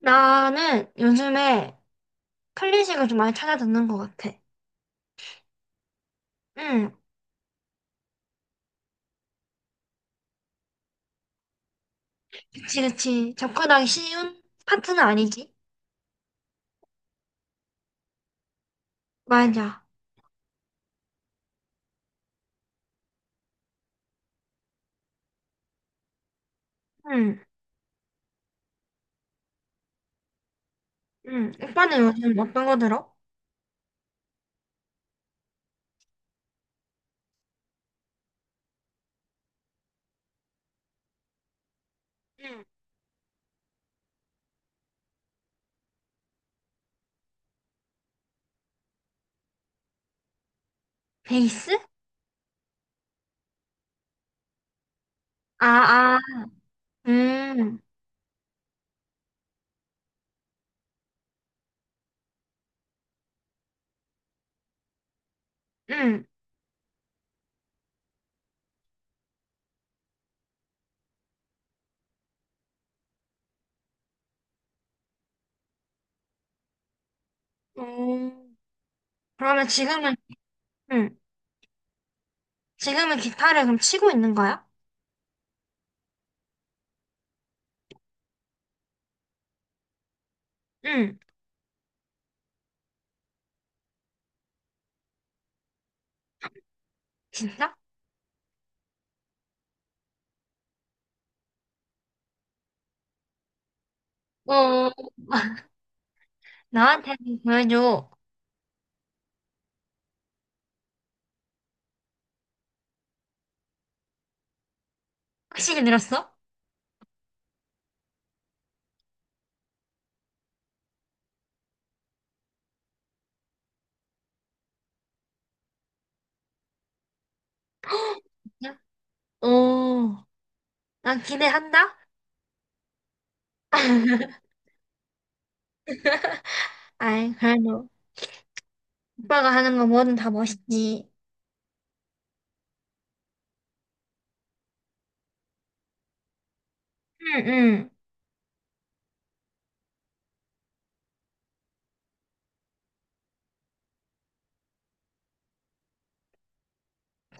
나는 요즘에 클래식을 좀 많이 찾아 듣는 것 같아. 응, 그치, 그치. 접근하기 쉬운 파트는 아니지. 맞아. 응, 응. 오빠는 요즘 어떤 거 들어? 응. 베이스? 아, 아, 음, 음. 오. 그러면 지금은, 응. 지금은 기타를 그럼 치고 있는 거야? 응. 진짜? 어. 나한테 보여줘. 확실히 늘었어? 진짜? 오. 난 기대한다. 아이, 그래도 오빠가 하는 거 뭐든 다 멋있지. 응, 응.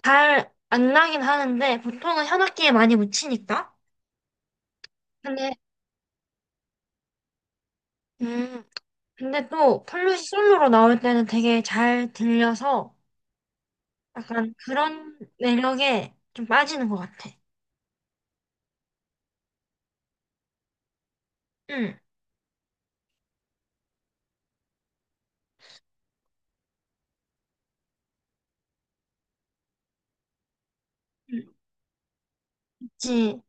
잘 안 나긴 하는데 보통은 현악기에 많이 묻히니까. 근데 음, 근데 또 플룻이 솔로로 나올 때는 되게 잘 들려서 약간 그런 매력에 좀 빠지는 것 같아. 응, 응. 그치.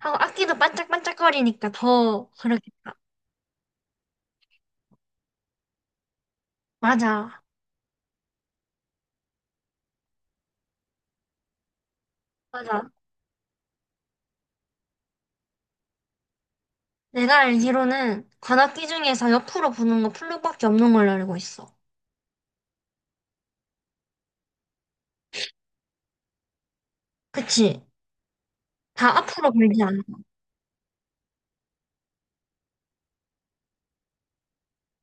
하고 악기도 반짝반짝거리니까 더 그렇겠다. 맞아, 맞아. 내가 알기로는 관악기 중에서 옆으로 부는 거 플룻밖에 없는 걸로 알고 있어. 그치? 다 앞으로 밀지 않아.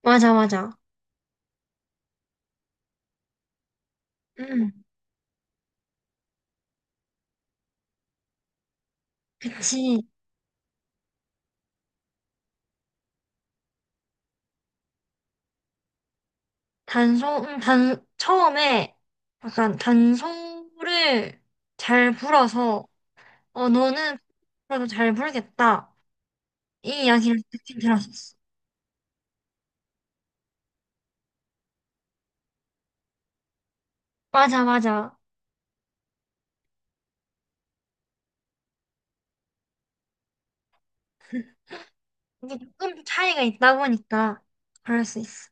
맞아, 맞아. 응, 그치. 단송, 처음에 약간 단송을 잘 불어서, 어, 너는 앞으로도 잘 불겠다. 이 이야기를 듣긴 들었었어. 맞아, 맞아. 이게 조금 차이가 있다 보니까 그럴 수 있어.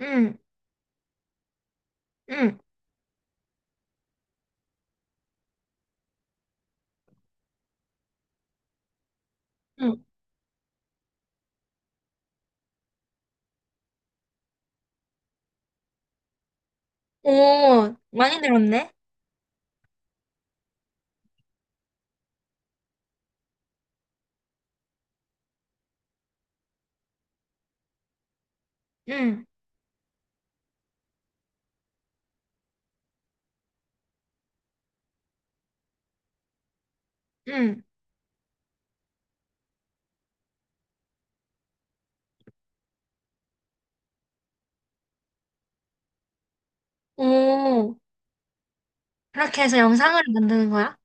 응, 응, 응. 오, 많이 늘었네? 응, 응. 오, 그렇게 해서 영상을 만드는 거야?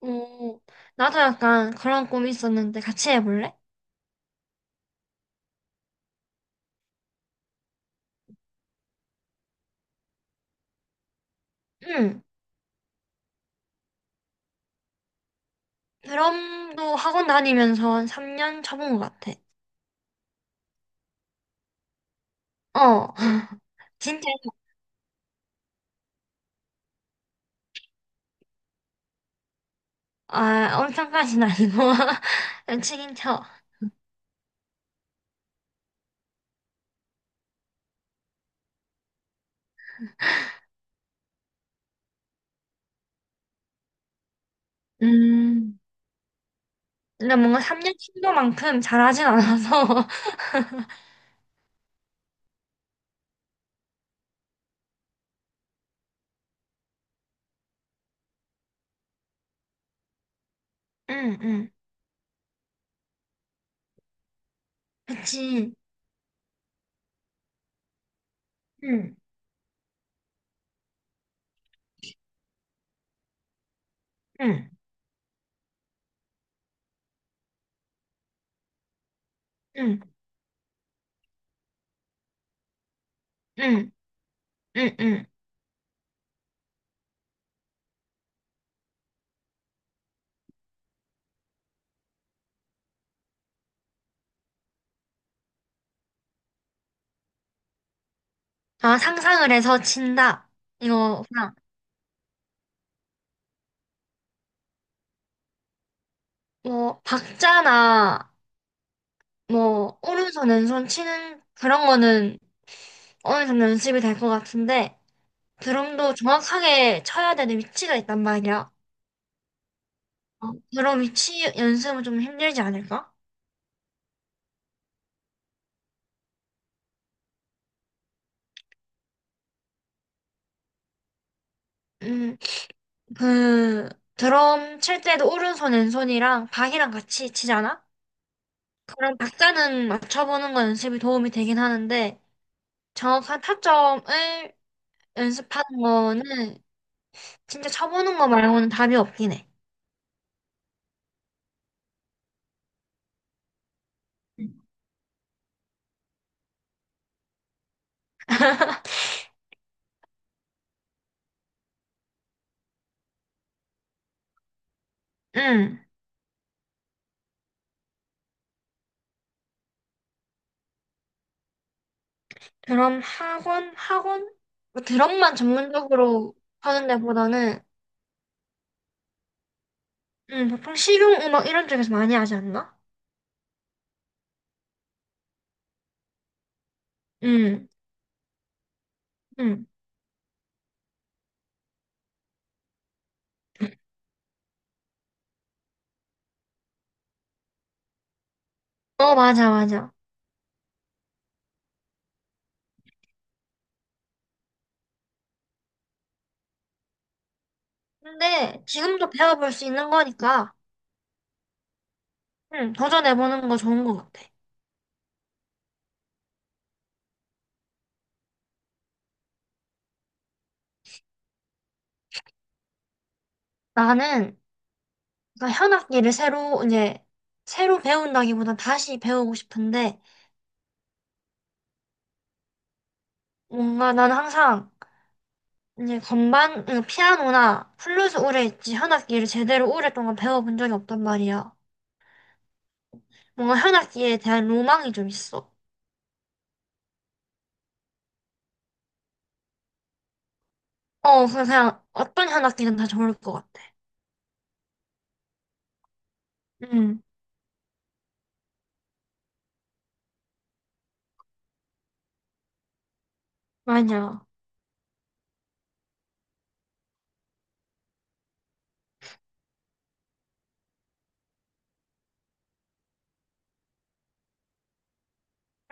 오, 나도 약간 그런 꿈이 있었는데 같이 해볼래? 응. 드럼도 학원 다니면서 한 3년 쳐본 것 같아. 어. 진짜, 아, 엄청까지는 아니고. 그냥 치긴 쳐. 음, 근데 뭔가 3년 친도만큼 잘하진 않아서. 응, 응. 그치. 응, 응, 응, 응, 응, 응. 아, 상상을 해서 친다. 이거, 그냥, 뭐, 박자나, 뭐 오른손 왼손 치는 그런 거는 어느 정도 연습이 될 것 같은데 드럼도 정확하게 쳐야 되는 위치가 있단 말이야. 어, 드럼 위치 연습은 좀 힘들지 않을까? 음, 그 드럼 칠 때도 오른손 왼손이랑 박이랑 같이 치잖아? 그런 박자는 맞춰보는 건 연습이 도움이 되긴 하는데 정확한 타점을 연습하는 거는 진짜 쳐보는 거 말고는 답이 없긴 해. 응. 드럼 학원? 학원? 뭐 드럼만 전문적으로 하는 데보다는, 보통 실용음악 이런 쪽에서 많이 하지 않나? 음, 음. 어, 맞아, 맞아. 근데 지금도 배워볼 수 있는 거니까, 도전해보는 거 좋은 것 같아. 나는, 그러니까 현악기를 새로, 이제, 새로 배운다기보다 다시 배우고 싶은데, 뭔가 나는 항상, 이제 건반, 피아노나 플루스 오래 했지, 현악기를 제대로 오랫동안 배워본 적이 없단 말이야. 뭔가 현악기에 대한 로망이 좀 있어. 어, 그래서 그냥 어떤 현악기든 다 좋을 것 같아. 응, 맞아.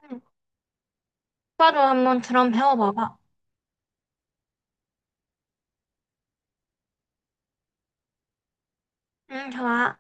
응, 오빠도 한번 드럼 배워봐봐. 응, 좋아.